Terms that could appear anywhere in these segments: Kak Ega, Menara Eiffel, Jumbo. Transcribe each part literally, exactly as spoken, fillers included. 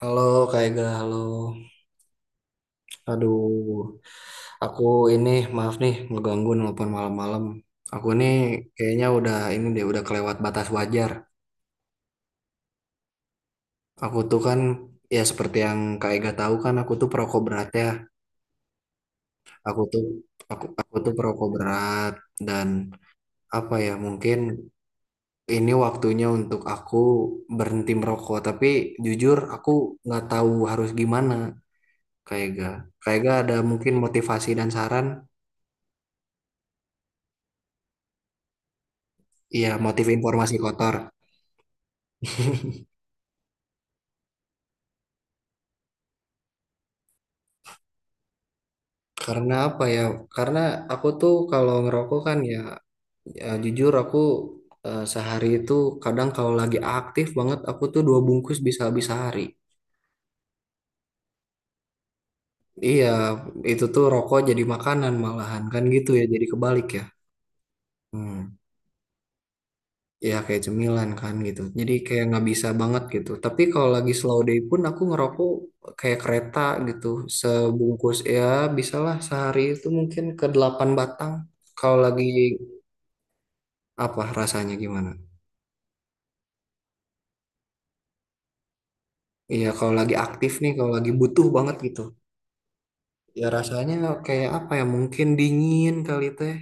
Halo Kak Ega, halo. Aduh, aku ini maaf nih ngeganggu nelpon malam-malam. Aku nih kayaknya udah ini deh udah kelewat batas wajar. Aku tuh kan, ya seperti yang Kak Ega tahu kan, aku tuh perokok berat ya. Aku tuh aku aku tuh perokok berat. Dan apa ya, mungkin ini waktunya untuk aku berhenti merokok. Tapi jujur aku nggak tahu harus gimana, Kak Ega. Kak Ega ada mungkin motivasi dan saran? Iya, motif informasi kotor. Karena apa ya? Karena aku tuh kalau ngerokok kan ya, ya jujur aku eh, sehari itu kadang kalau lagi aktif banget aku tuh dua bungkus bisa habis sehari. Iya, itu tuh rokok jadi makanan malahan kan gitu ya, jadi kebalik ya. Hmm. Ya kayak cemilan kan gitu. Jadi kayak nggak bisa banget gitu. Tapi kalau lagi slow day pun aku ngerokok kayak kereta gitu. Sebungkus ya bisalah sehari itu mungkin ke delapan batang. Kalau lagi apa, rasanya gimana? Iya, kalau lagi aktif nih, kalau lagi butuh banget gitu. Ya rasanya kayak apa ya? Mungkin dingin kali, teh.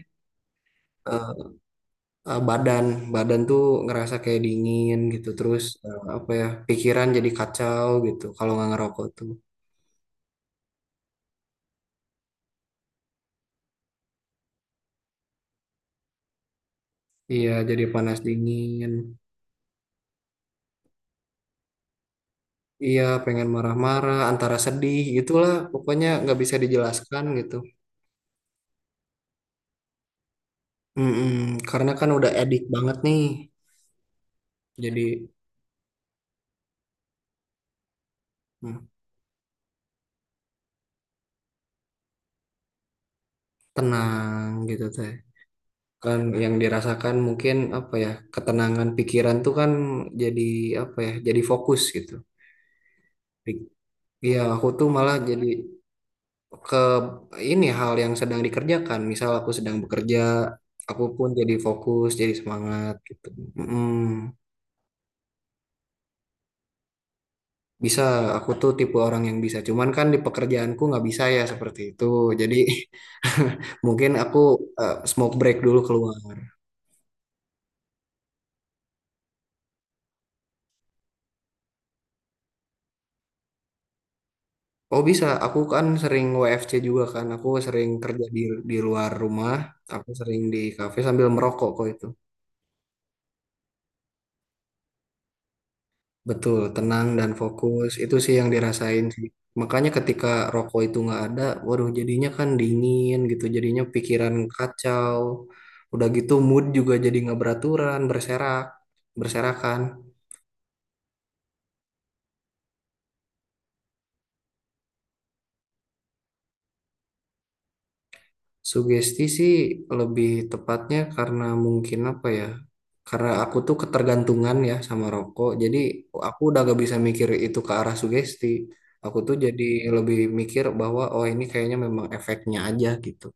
Eh, eh, badan, badan tuh ngerasa kayak dingin gitu. Terus eh, apa ya? Pikiran jadi kacau gitu kalau nggak ngerokok tuh. Iya, jadi panas dingin. Iya, pengen marah-marah, antara sedih, gitulah. Pokoknya nggak bisa dijelaskan gitu. Mm-mm. Karena kan udah edik banget nih. Jadi mm, tenang gitu, teh. Kan yang dirasakan mungkin apa ya, ketenangan pikiran tuh kan. Jadi apa ya, jadi fokus gitu. Pik- ya aku tuh malah jadi ke ini hal yang sedang dikerjakan. Misal aku sedang bekerja, aku pun jadi fokus, jadi semangat gitu. Mm, bisa. Aku tuh tipe orang yang bisa, cuman kan di pekerjaanku nggak bisa ya seperti itu. Jadi mungkin aku eh, smoke break dulu keluar. Oh bisa, aku kan sering W F C juga kan. Aku sering kerja di di luar rumah. Aku sering di kafe sambil merokok kok itu. Betul, tenang dan fokus. Itu sih yang dirasain sih. Makanya ketika rokok itu nggak ada, waduh jadinya kan dingin gitu. Jadinya pikiran kacau. Udah gitu mood juga jadi nggak beraturan, berserak, berserakan. Sugesti sih lebih tepatnya, karena mungkin apa ya? Karena aku tuh ketergantungan ya sama rokok. Jadi aku udah gak bisa mikir itu ke arah sugesti. Aku tuh jadi lebih mikir bahwa oh ini kayaknya memang efeknya aja gitu.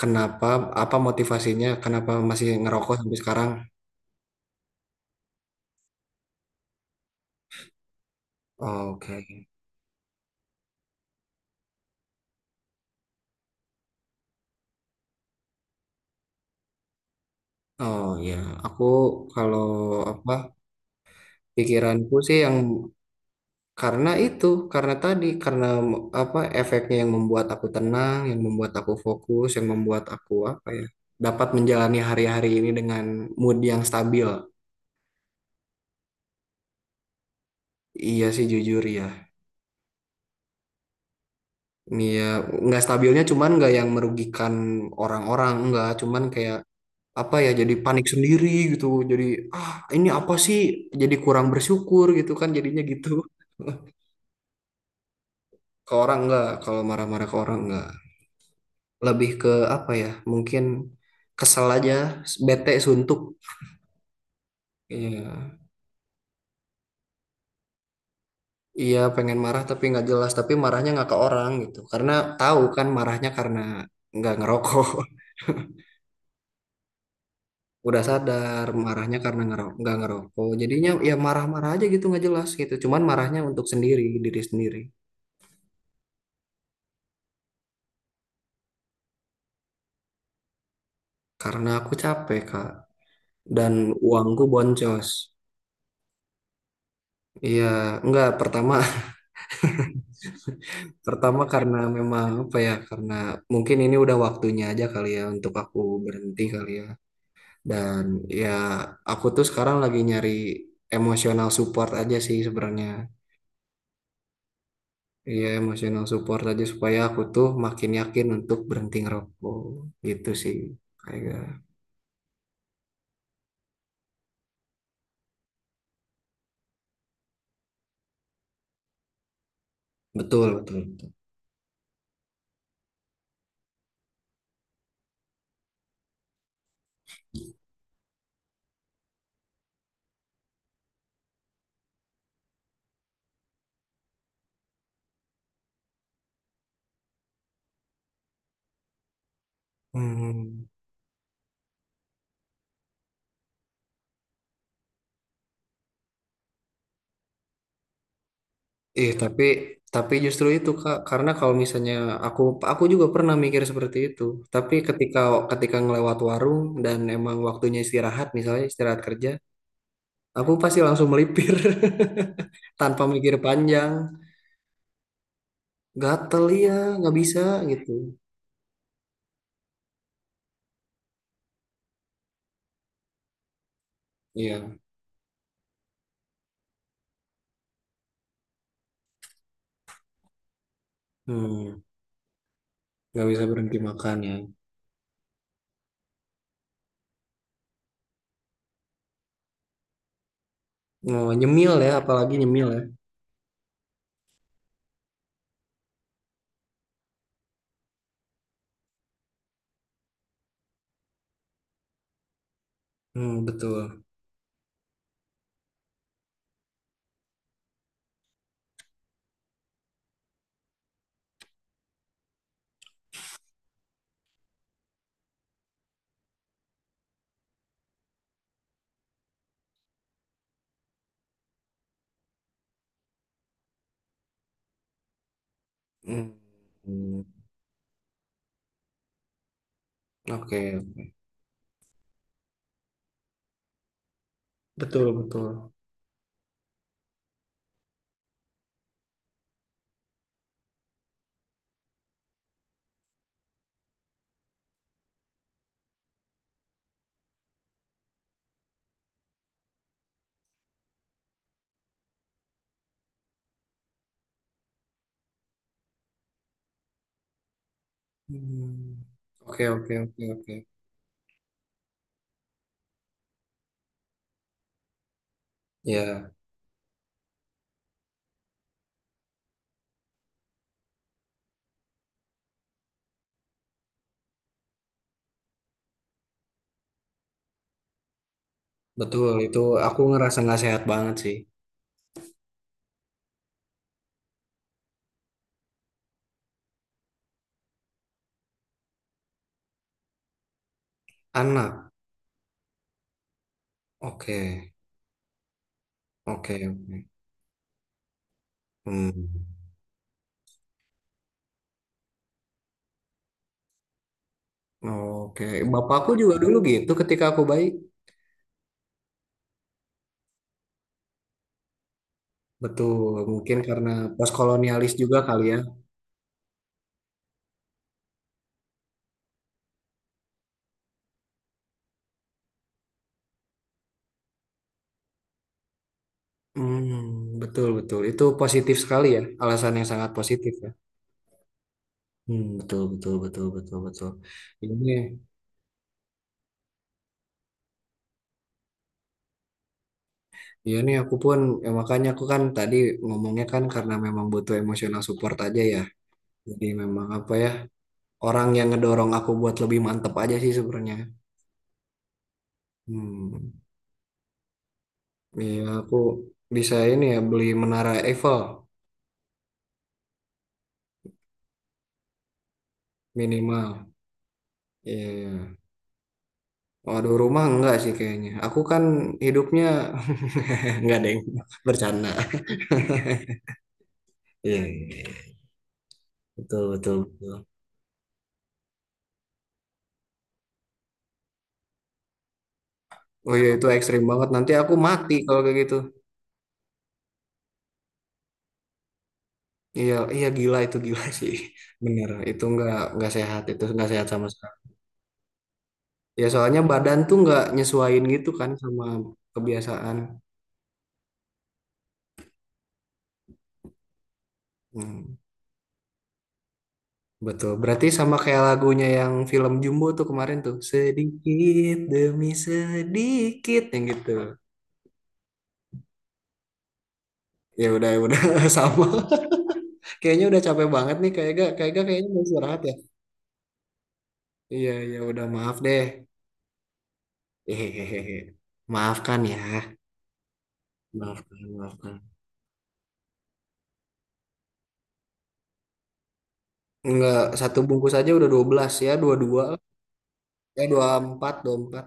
Kenapa? Apa motivasinya? Kenapa masih ngerokok sampai sekarang? Oh, oke. Oh ya, aku kalau apa, pikiranku sih yang... Karena itu, karena tadi, karena m- apa, efeknya yang membuat aku tenang, yang membuat aku fokus, yang membuat aku apa ya, dapat menjalani hari-hari ini dengan mood yang stabil. Iya sih, jujur ya. Iya, nggak stabilnya cuman nggak yang merugikan orang-orang, nggak cuman kayak apa ya, jadi panik sendiri gitu. Jadi ah ini apa sih? Jadi kurang bersyukur gitu kan jadinya gitu. Ke orang enggak, kalau marah-marah ke orang enggak. Lebih ke apa ya, mungkin kesel aja, bete, suntuk. Iya, iya, pengen marah tapi nggak jelas, tapi marahnya nggak ke orang gitu, karena tahu kan marahnya karena nggak ngerokok. Udah sadar marahnya karena ngero nggak ngerokok, jadinya ya marah-marah aja gitu nggak jelas gitu, cuman marahnya untuk sendiri diri sendiri. Karena aku capek, Kak, dan uangku boncos. Iya, nggak, pertama. Pertama karena memang apa ya, karena mungkin ini udah waktunya aja kali ya untuk aku berhenti kali ya. Dan ya, aku tuh sekarang lagi nyari emosional support aja sih sebenarnya. Iya, emosional support aja supaya aku tuh makin yakin untuk berhenti ngerokok gitu sih. Kayak... betul, betul. Betul. Hmm. Ih, tapi tapi justru itu, Kak. Karena kalau misalnya aku aku juga pernah mikir seperti itu. Tapi ketika ketika ngelewat warung dan emang waktunya istirahat, misalnya istirahat kerja, aku pasti langsung melipir tanpa mikir panjang. Gatel ya, nggak bisa gitu. Iya, hmm, nggak bisa berhenti makan ya. Oh, nyemil ya, apalagi nyemil ya. Hmm, betul. Hmm, hmm, oke. Betul, betul. Hmm, oke oke oke oke. Ya. Betul, itu aku ngerasa nggak sehat banget sih. Anak, oke, oke, oke. Hmm. Oke, bapakku juga dulu gitu ketika aku bayi. Betul, mungkin karena postkolonialis juga kali ya. Hmm, betul, betul. Itu positif sekali ya, alasan yang sangat positif ya. Hmm, betul, betul, betul, betul, betul. Ini, ya nih aku pun, ya makanya aku kan tadi ngomongnya kan karena memang butuh emosional support aja ya. Jadi memang apa ya, orang yang ngedorong aku buat lebih mantep aja sih sebenarnya. Hmm, iya, aku bisa ini ya beli Menara Eiffel minimal. Iya. Waduh, rumah enggak sih kayaknya. Aku kan hidupnya enggak deng, bercanda. Iya, iya, iya. Betul betul betul. Oh iya itu ekstrim banget. Nanti aku mati kalau kayak gitu. Iya iya gila, itu gila sih. Bener itu nggak nggak sehat, itu nggak sehat sama sekali. Ya soalnya badan tuh nggak nyesuaiin gitu kan sama kebiasaan. Hmm. Betul. Berarti sama kayak lagunya yang film Jumbo tuh kemarin tuh. Sedikit demi sedikit yang gitu. Ya udah ya udah sama. Kayaknya udah capek banget nih, kayak gak kayak gak kayaknya mau istirahat ya. Iya ya udah, maaf deh. Hehehe. Maafkan ya. Maafkan, maafkan. Enggak, satu bungkus aja udah dua belas ya, dua puluh dua. Ya dua puluh empat, empat.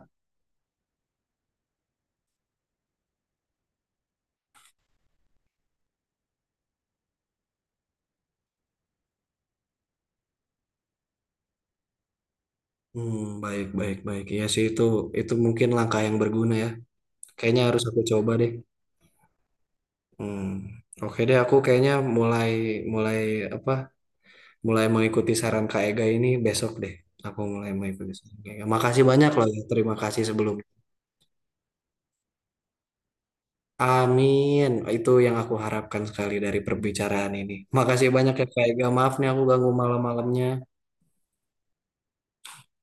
Hmm, baik, baik, baik. Iya sih itu itu mungkin langkah yang berguna ya. Kayaknya harus aku coba deh. Hmm, oke deh. Aku kayaknya mulai mulai apa? Mulai mengikuti saran Kak Ega ini besok deh. Aku mulai mengikuti saran Kak Ega. Makasih banyak loh ya. Terima kasih sebelum. Amin. Itu yang aku harapkan sekali dari perbicaraan ini. Makasih banyak ya Kak Ega. Maaf nih, aku ganggu malam-malamnya.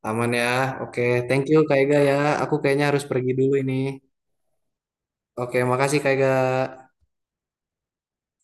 Aman ya. Oke, thank you Kak Ega ya. Aku kayaknya harus pergi dulu ini. Oke, makasih Kak Ega.